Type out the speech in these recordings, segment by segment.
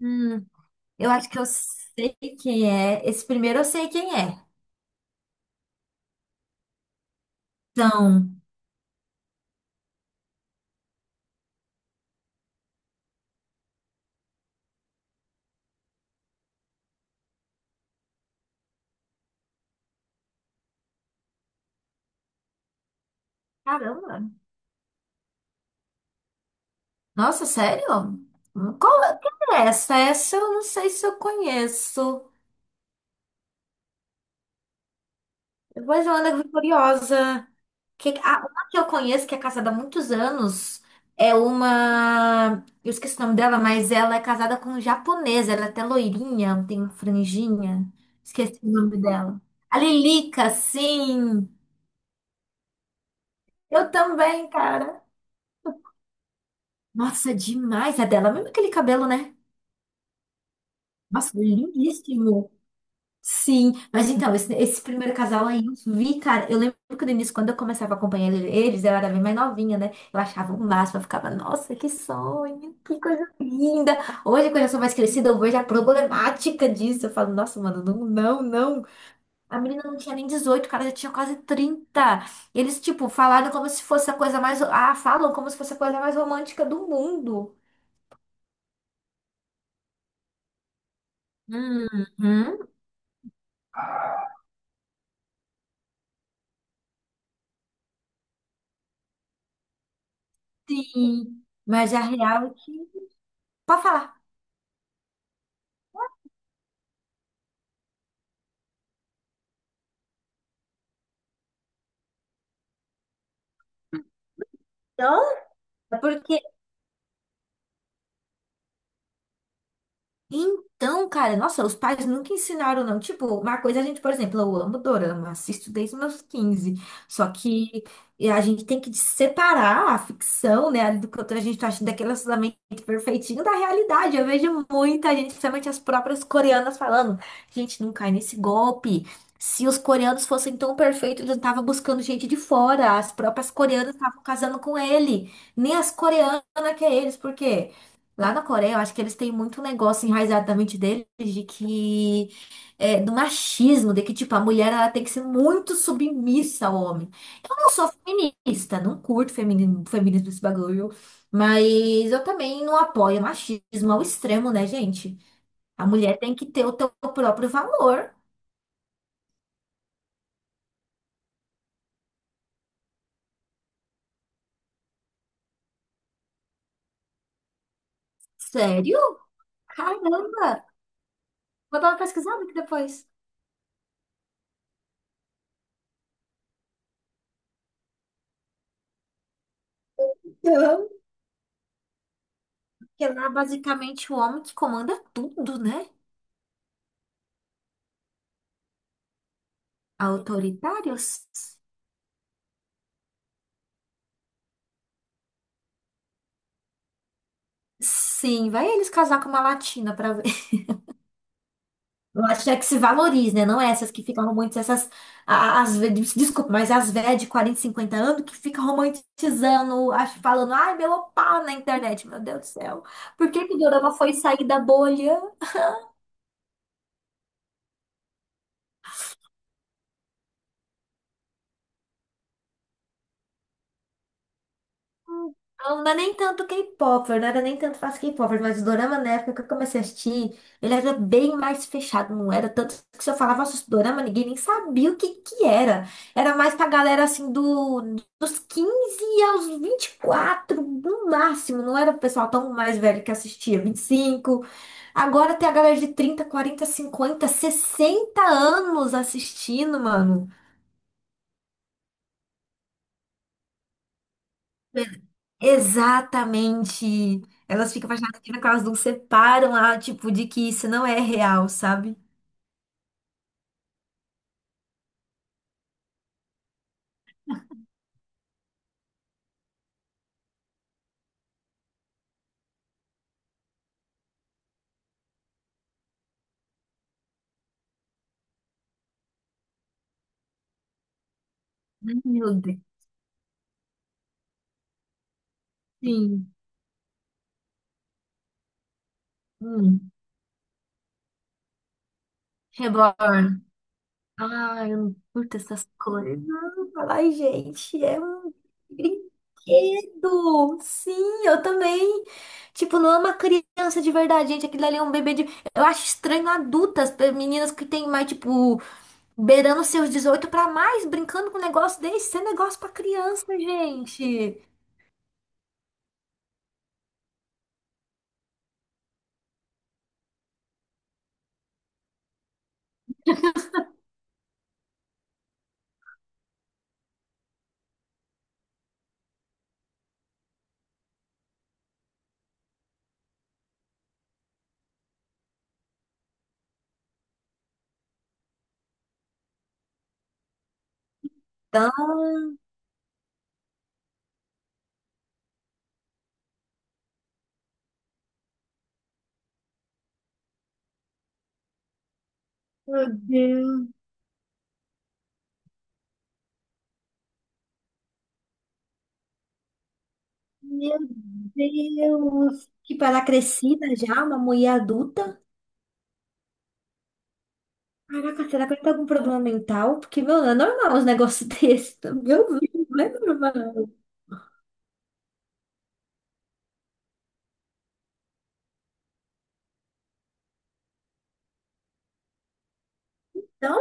Hum, eu acho que eu sei quem é. Esse primeiro eu sei quem é. Então, caramba. Nossa, sério? Qual é quem é essa? Essa eu não sei se eu conheço. Depois eu ando curiosa. Que, a, uma que eu conheço, que é casada há muitos anos, é uma. Eu esqueci o nome dela, mas ela é casada com um japonês. Ela é até loirinha, tem uma franjinha. Esqueci o nome dela. A Lilica, sim. Eu também, cara. Nossa, é demais. É dela mesmo aquele cabelo, né? Nossa, lindíssimo. Sim, mas então, esse primeiro casal aí eu vi, cara. Eu lembro que no início, quando eu começava a acompanhar eles, eu era bem mais novinha, né? Eu achava o máximo, eu ficava, nossa, que sonho, que coisa linda. Hoje, quando eu sou mais crescida, eu vejo a problemática disso. Eu falo, nossa, mano, não, não, não. A menina não tinha nem 18, o cara já tinha quase 30. Eles, tipo, falaram como se fosse a coisa mais. Ah, falam como se fosse a coisa mais romântica do mundo. Uhum. Sim, mas a real é que. Pode falar. Então, é porque... Então, cara, nossa, os pais nunca ensinaram, não. Tipo, uma coisa a gente, por exemplo, eu amo dorama, assisto desde os meus 15. Só que a gente tem que separar a ficção, né, do que a gente tá achando daquele relacionamento perfeitinho da realidade. Eu vejo muita gente, principalmente as próprias coreanas, falando: gente, não cai nesse golpe. Se os coreanos fossem tão perfeitos, eles não estavam buscando gente de fora. As próprias coreanas estavam casando com ele. Nem as coreanas que é eles, por quê? Lá na Coreia, eu acho que eles têm muito negócio enraizado na mente deles de que é, do machismo, de que tipo a mulher ela tem que ser muito submissa ao homem. Eu não sou feminista, não curto feminismo, feminismo esse bagulho, mas eu também não apoio machismo ao extremo, né, gente? A mulher tem que ter o teu próprio valor. Sério? Caramba! Vou dar uma pesquisada aqui depois. Então, porque lá basicamente o homem que comanda tudo, né? Autoritários. Sim, vai eles casar com uma latina pra ver. Latina que se valorize, né? Não é essas que ficam romantizando essas. As, desculpa, mas as velhas de 40 50 anos que ficam romantizando, acho, falando, ai, meu opá na internet. Meu Deus do céu. Por que que o Dorama foi sair da bolha? Não era nem tanto K-pop, eu não era nem tanto fácil K-pop, mas o dorama na época que eu comecei a assistir, ele era bem mais fechado, não era tanto que se eu falava sobre dorama, ninguém nem sabia o que que era. Era mais pra galera assim dos 15 aos 24 no máximo, não era o pessoal tão mais velho que assistia, 25. Agora tem a galera de 30 40 50 60 anos assistindo, mano. Exatamente. Elas ficam apaixonadas por que elas não separam a, tipo, de que isso não é real, sabe? Ai, meu Deus. Sim. Hum. Reborn. Ai, eu não curto essas coisas. Ai, gente, é um brinquedo. Sim, eu também. Tipo, não é uma criança de verdade, gente. Aquilo ali é um bebê de. Eu acho estranho adultas, meninas que têm mais, tipo. Beirando seus 18 para mais, brincando com um negócio desse, isso é negócio para criança, gente. Então, meu Deus, meu Deus, que para crescida já, uma mulher adulta. Caraca, será que ele tem algum problema mental? Porque, meu, não é normal os negócios desses. Meu Deus, não é normal. Então,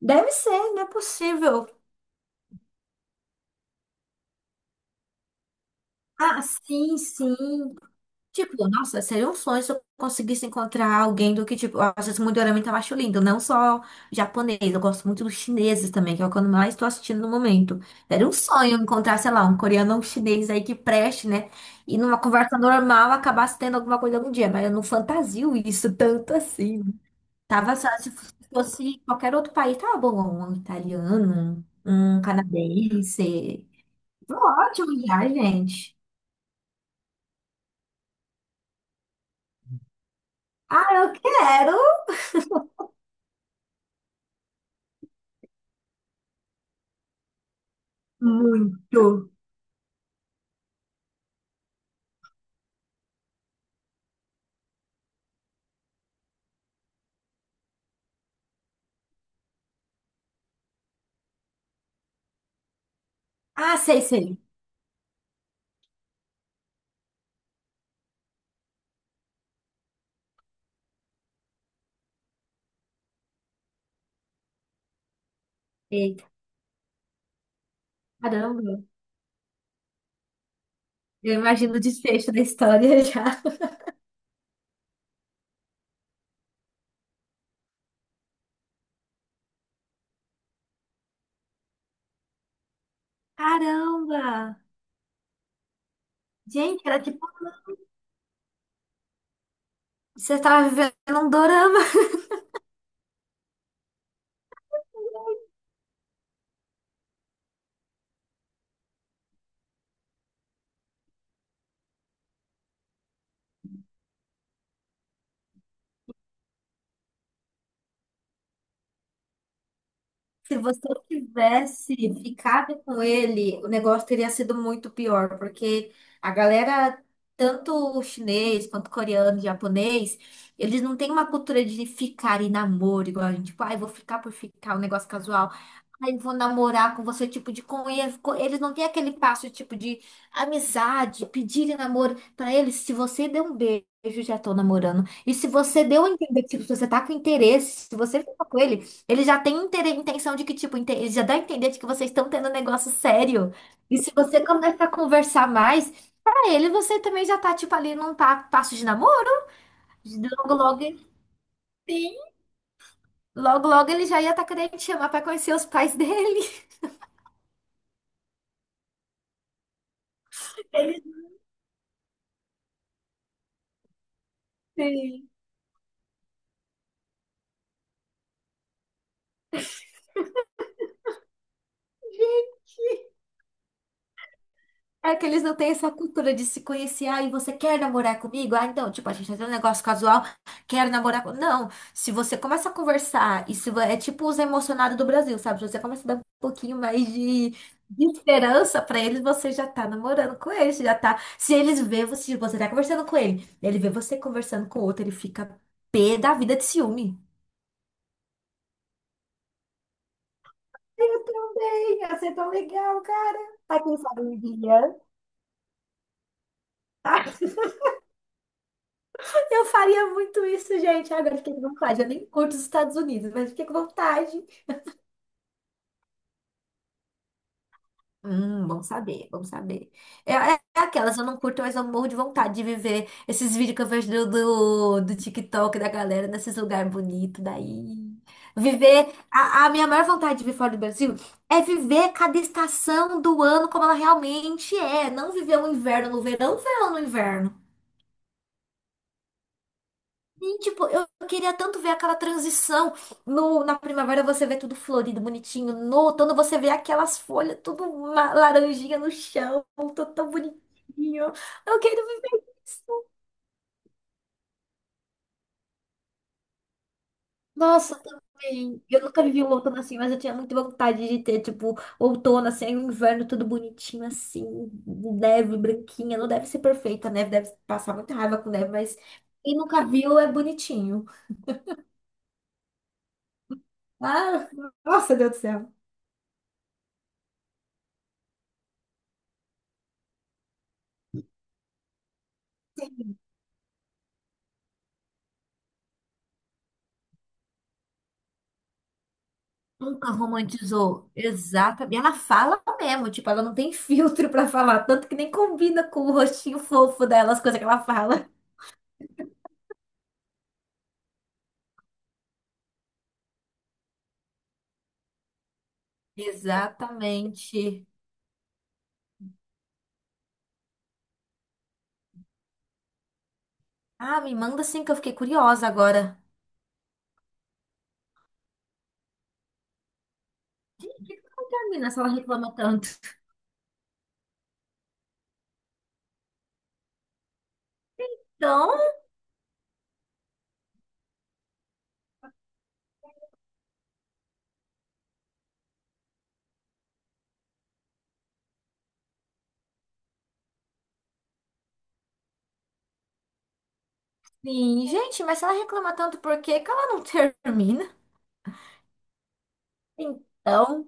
deve ser, não é possível. Ah, sim, sim. Tipo, nossa, seria um sonho se eu conseguisse encontrar alguém do que, tipo, eu acho esse Mudiorama também acho lindo, não só japonês, eu gosto muito dos chineses também, que é o que eu mais estou assistindo no momento. Era um sonho encontrar, sei lá, um coreano ou um chinês aí que preste, né? E numa conversa normal acabasse tendo alguma coisa algum dia, mas eu não fantasio isso tanto assim. Tava só, se fosse qualquer outro país, tava bom, um italiano, um canadense. Ótimo já, gente. Ah, eu quero muito. Ah, sei, sei. Eita, caramba. Eu imagino o desfecho da história já. Caramba! Gente, era tipo, você tava vivendo um dorama. Se você tivesse ficado com ele, o negócio teria sido muito pior, porque a galera, tanto chinês quanto coreano, japonês, eles não têm uma cultura de ficar e namoro, igual a gente, tipo, ai, vou ficar por ficar, um negócio casual. Ai, vou namorar com você, tipo, de conhecer. Eles não têm aquele passo, tipo, de amizade, pedir namoro. Pra eles, se você der um beijo, já tô namorando. E se você deu a entender, tipo, se você tá com interesse, se você fica com ele. Ele já tem intenção de que, tipo, ele já dá a entender de que vocês estão tendo um negócio sério. E se você começa a conversar mais, pra ele você também já tá, tipo, ali num passo de namoro. Logo, logo, sim. Logo, logo ele já ia estar querendo te chamar pra conhecer os pais dele. Ele- Sim. É que eles não têm essa cultura de se conhecer. Ah, e você quer namorar comigo? Ah, então, tipo, a gente tá tendo um negócio casual, quero namorar com... Não, se você começa a conversar, isso é tipo os emocionados do Brasil, sabe? Se você começa a dar um pouquinho mais de esperança pra eles, você já tá namorando com eles, já tá... Se eles vê você, se você tá conversando com ele, ele vê você conversando com outro, ele fica pé da vida de ciúme. Eu também, você é tão legal, cara. Tá quem sabe um dia. Eu faria muito isso, gente. Agora fiquei com vontade. Eu nem curto os Estados Unidos, mas fiquei com vontade. Bom saber, bom saber. É aquelas, eu não curto, mas eu morro de vontade de viver esses vídeos que eu vejo do TikTok da galera nesses lugares bonitos daí. Viver. A minha maior vontade de viver fora do Brasil é viver cada estação do ano como ela realmente é. Não viver o inverno no verão, o verão no inverno. E, tipo, eu queria tanto ver aquela transição. No, na primavera você vê tudo florido, bonitinho. No outono você vê aquelas folhas, tudo laranjinha no chão, tudo tão bonitinho. Eu quero viver isso. Nossa, também. Eu nunca vivi um outono assim, mas eu tinha muita vontade de ter, tipo, outono, assim, aí o inverno tudo bonitinho, assim, neve branquinha. Não deve ser perfeita, a neve deve passar muita raiva com neve, mas quem nunca viu é bonitinho. Ah, nossa, Deus do céu. Nunca romantizou. Exata. E ela fala mesmo, tipo, ela não tem filtro pra falar, tanto que nem combina com o rostinho fofo dela, as coisas que ela fala. Exatamente. Ah, me manda sim que eu fiquei curiosa agora. Por que que ela não termina se ela reclama tanto? Então, sim, gente, mas se ela reclama tanto, por que que ela não termina? Então,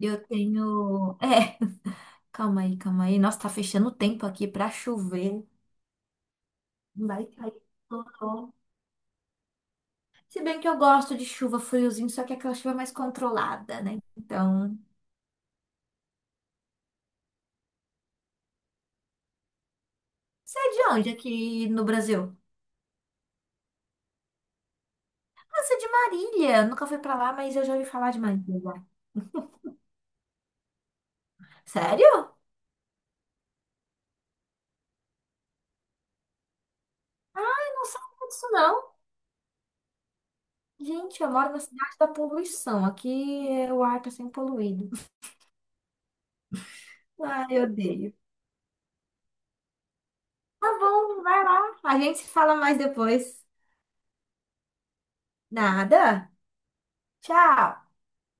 eu tenho. É, calma aí, calma aí. Nossa, tá fechando o tempo aqui pra chover. Vai cair tudo. Se bem que eu gosto de chuva friozinho, só que é aquela chuva mais controlada, né? Então, você é de onde aqui no Brasil? Ah, você é de Marília. Eu nunca fui pra lá, mas eu já ouvi falar de Marília. Sério? Eu não sabia disso, não. Gente, eu moro na cidade da poluição. Aqui é, o ar tá sempre poluído. Ai, eu odeio. Tá bom, vai lá. A gente se fala mais depois. Nada. Tchau.